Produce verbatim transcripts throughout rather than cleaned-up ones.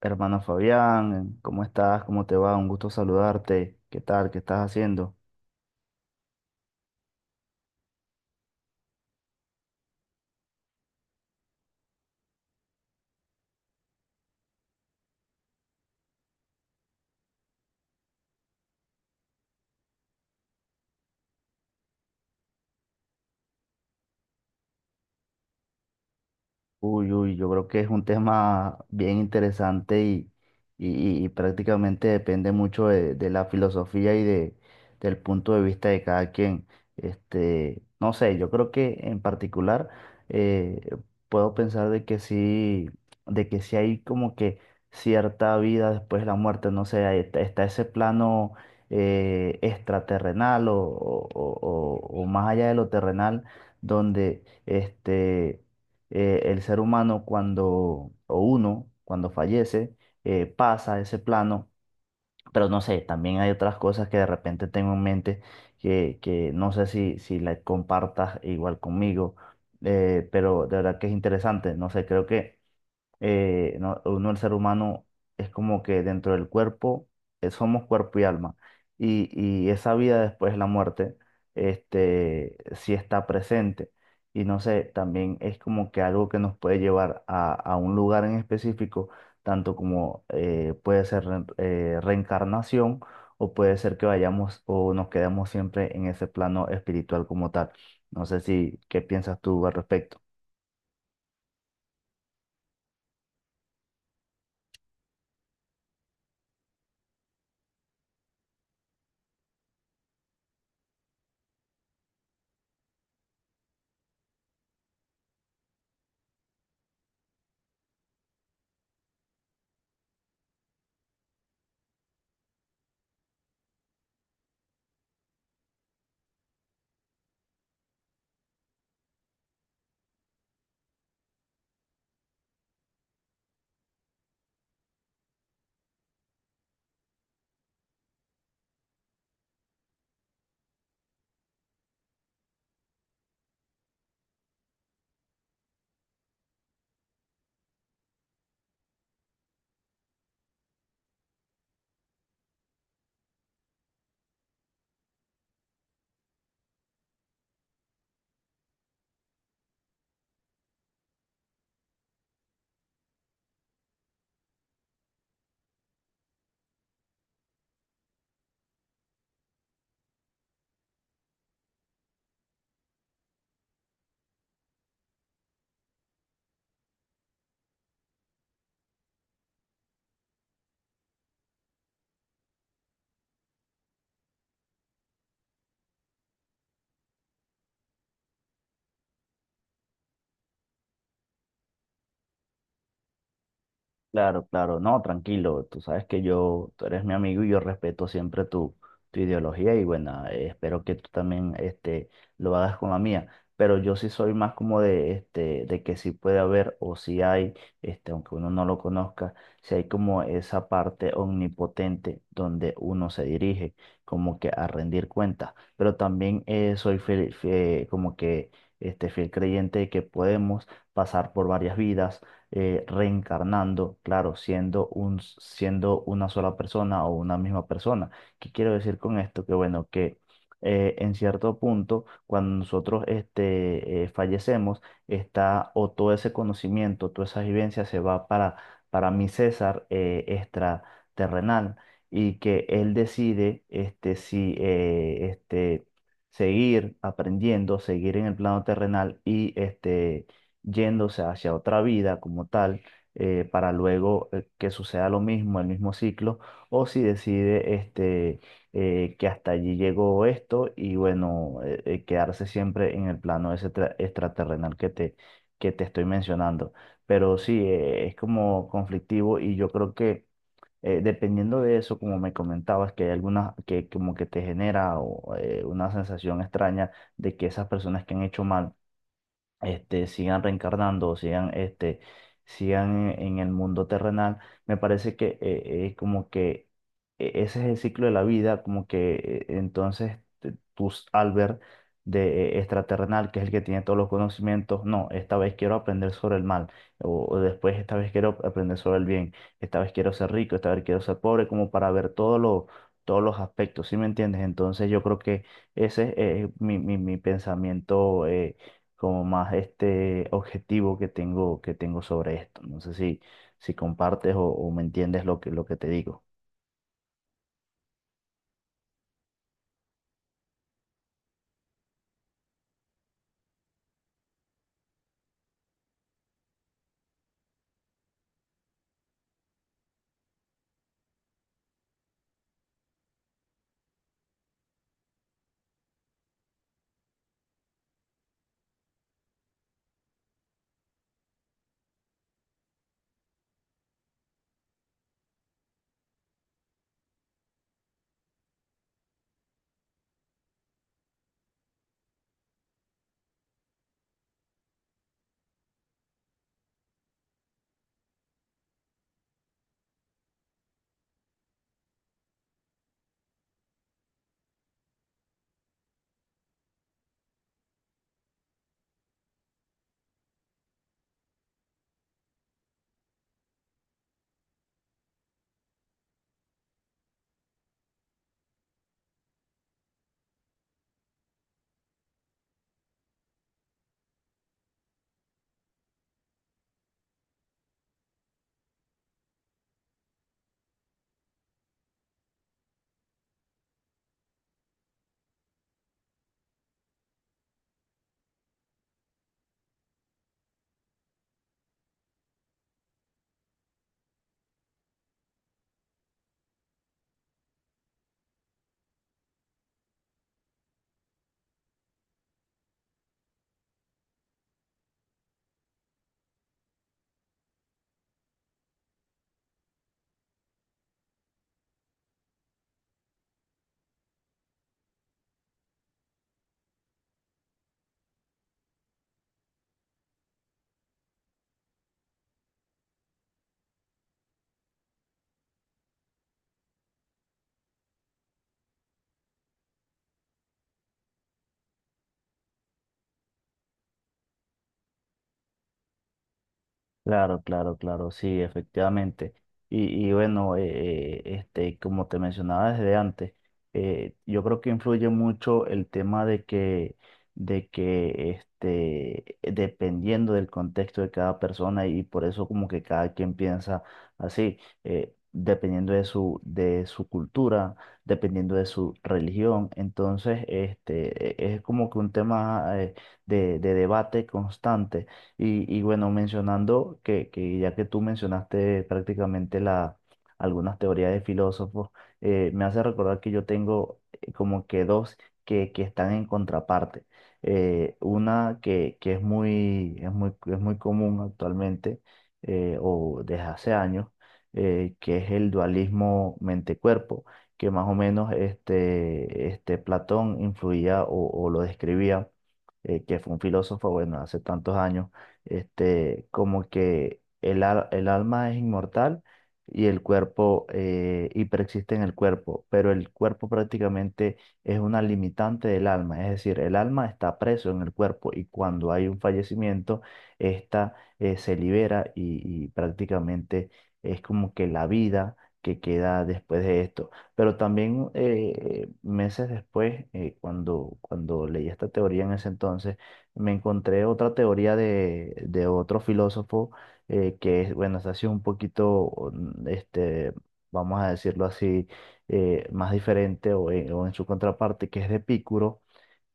Hermano Fabián, ¿cómo estás? ¿Cómo te va? Un gusto saludarte. ¿Qué tal? ¿Qué estás haciendo? Uy, uy, yo creo que es un tema bien interesante y, y- y prácticamente depende mucho de, de la filosofía y de, del punto de vista de cada quien. Este, no sé, yo creo que en particular eh, puedo pensar de que sí, de que sí hay como que cierta vida después de la muerte. No sé, ahí está, está ese plano eh, extraterrenal o, o o- o- o más allá de lo terrenal donde este eh, el ser humano cuando, o uno, cuando fallece, eh, pasa a ese plano, pero no sé, también hay otras cosas que de repente tengo en mente que, que no sé si, si la compartas igual conmigo, eh, pero de verdad que es interesante, no sé, creo que eh, no- uno, el ser humano, es como que dentro del cuerpo, eh, somos cuerpo y alma. Y, y esa vida después de la muerte, este, sí está presente. Y no sé, también es como que algo que nos puede llevar a, a un lugar en específico, tanto como eh, puede ser re- eh, reencarnación o puede ser que vayamos o nos quedemos siempre en ese plano espiritual como tal. No sé si, ¿qué piensas tú al respecto? Claro, claro, no, tranquilo, tú sabes que yo, tú eres mi amigo y yo respeto siempre tu, tu ideología y bueno, eh, espero que tú también este, lo hagas con la mía, pero yo sí soy más como de, este, de que sí puede haber o sí hay, este, aunque uno no lo conozca, si hay como esa parte omnipotente donde uno se dirige como que a rendir cuentas, pero también eh, soy fiel- fie- como que este, fiel creyente de que podemos pasar por varias vidas eh, reencarnando, claro, siendo un, siendo una sola persona o una misma persona. ¿Qué quiero decir con esto? Que bueno, que eh, en cierto punto, cuando nosotros este, eh, fallecemos, está o todo ese conocimiento, toda esa vivencia se va para, para mi César eh, extraterrenal, y que él decide este, si eh, este, seguir aprendiendo, seguir en el plano terrenal y este yéndose hacia otra vida como tal, eh, para luego eh, que suceda lo mismo, el mismo ciclo, o si decide este, eh, que hasta allí llegó esto y bueno, eh, eh, quedarse siempre en el plano ese tra- extraterrenal que te, que te estoy mencionando. Pero sí, eh, es como conflictivo y yo creo que eh, dependiendo de eso, como me comentabas, que hay algunas que como que te genera o, eh, una sensación extraña de que esas personas que han hecho mal este, sigan reencarnando, sigan, este, sigan en, en el mundo terrenal, me parece que eh, es como que eh, ese es el ciclo de la vida, como que eh, entonces te- tus Albert de eh, extraterrenal, que es el que tiene todos los conocimientos, no, esta vez quiero aprender sobre el mal, o, o después esta vez quiero aprender sobre el bien, esta vez quiero ser rico, esta vez quiero ser pobre, como para ver todos los todos los aspectos, ¿sí me entiendes? Entonces yo creo que ese es eh, mi, mi, mi pensamiento, eh, como más este objetivo que tengo, que tengo sobre esto. No sé si, si compartes o, o me entiendes lo que, lo que te digo. Claro, claro, claro, sí, efectivamente. Y, y bueno, eh, eh, este, como te mencionaba desde antes, eh, yo creo que influye mucho el tema de que, de que este, dependiendo del contexto de cada persona y por eso como que cada quien piensa así, eh, dependiendo de su, de su cultura, dependiendo de su religión. Entonces, este, e- es como que un tema, eh, de de debate constante y, y bueno, mencionando que, que ya que tú mencionaste prácticamente la, algunas teorías de filósofos, eh, me hace recordar que yo tengo eh, como que dos que, que están en contraparte. Eh, una que, que es muy, es muy, es muy común actualmente eh, o desde hace años, eh, que es el dualismo mente-cuerpo, que más o menos este, este Platón influía o, o lo describía, eh, que fue un filósofo, bueno, hace tantos años este, como que el, al- el alma es inmortal y el cuerpo, eh, y persiste en el cuerpo, pero el cuerpo prácticamente es una limitante del alma, es decir, el alma está preso en el cuerpo y cuando hay un fallecimiento, esta eh, se libera y, y prácticamente es como que la vida que queda después de esto. Pero también eh, meses después, eh, cuando, cuando leí esta teoría en ese entonces, me encontré otra teoría de, de otro filósofo eh, que, es, bueno, esta ha sido un poquito, mm, este, vamos a decirlo así, eh, más diferente o en, o en su contraparte, que es de Epicuro,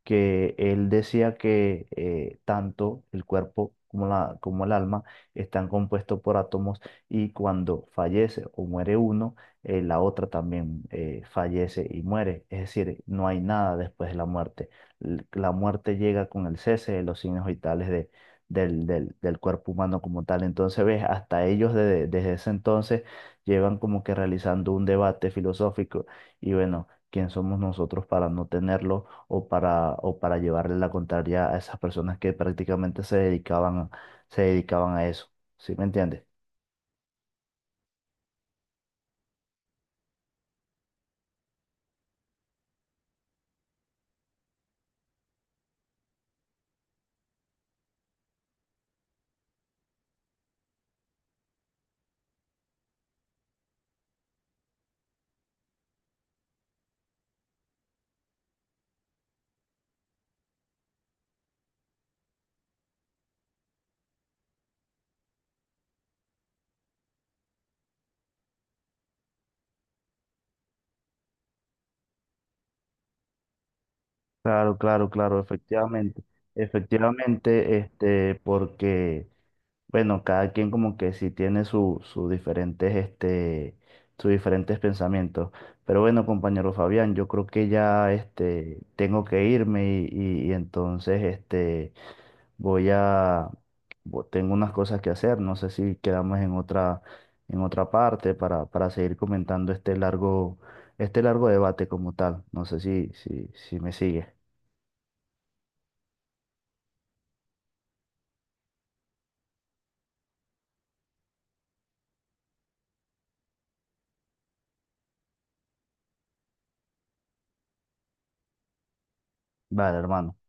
que él decía que eh, tanto el cuerpo como, la, como el alma están compuestos por átomos y cuando fallece o muere uno, eh, la otra también eh, fallece y muere. Es decir, no hay nada después de la muerte. L- La muerte llega con el cese de los signos vitales de- del, del- del cuerpo humano como tal. Entonces, ves, hasta ellos desde, desde ese entonces llevan como que realizando un debate filosófico y bueno, ¿quién somos nosotros para no tenerlo? O para, o para llevarle la contraria a esas personas que prácticamente se dedicaban, se dedicaban a eso. ¿Sí me entiendes? Claro, claro, claro, efectivamente. Efectivamente, este, porque, bueno, cada quien como que sí tiene su- sus diferentes, este, sus diferentes pensamientos. Pero bueno, compañero Fabián, yo creo que ya, este, tengo que irme y, y- y entonces, este, voy a, bo- tengo unas cosas que hacer, no sé si quedamos en otra, en otra parte para, para seguir comentando este largo, este largo debate como tal. No sé si, si, si me sigue. Vale, hermano.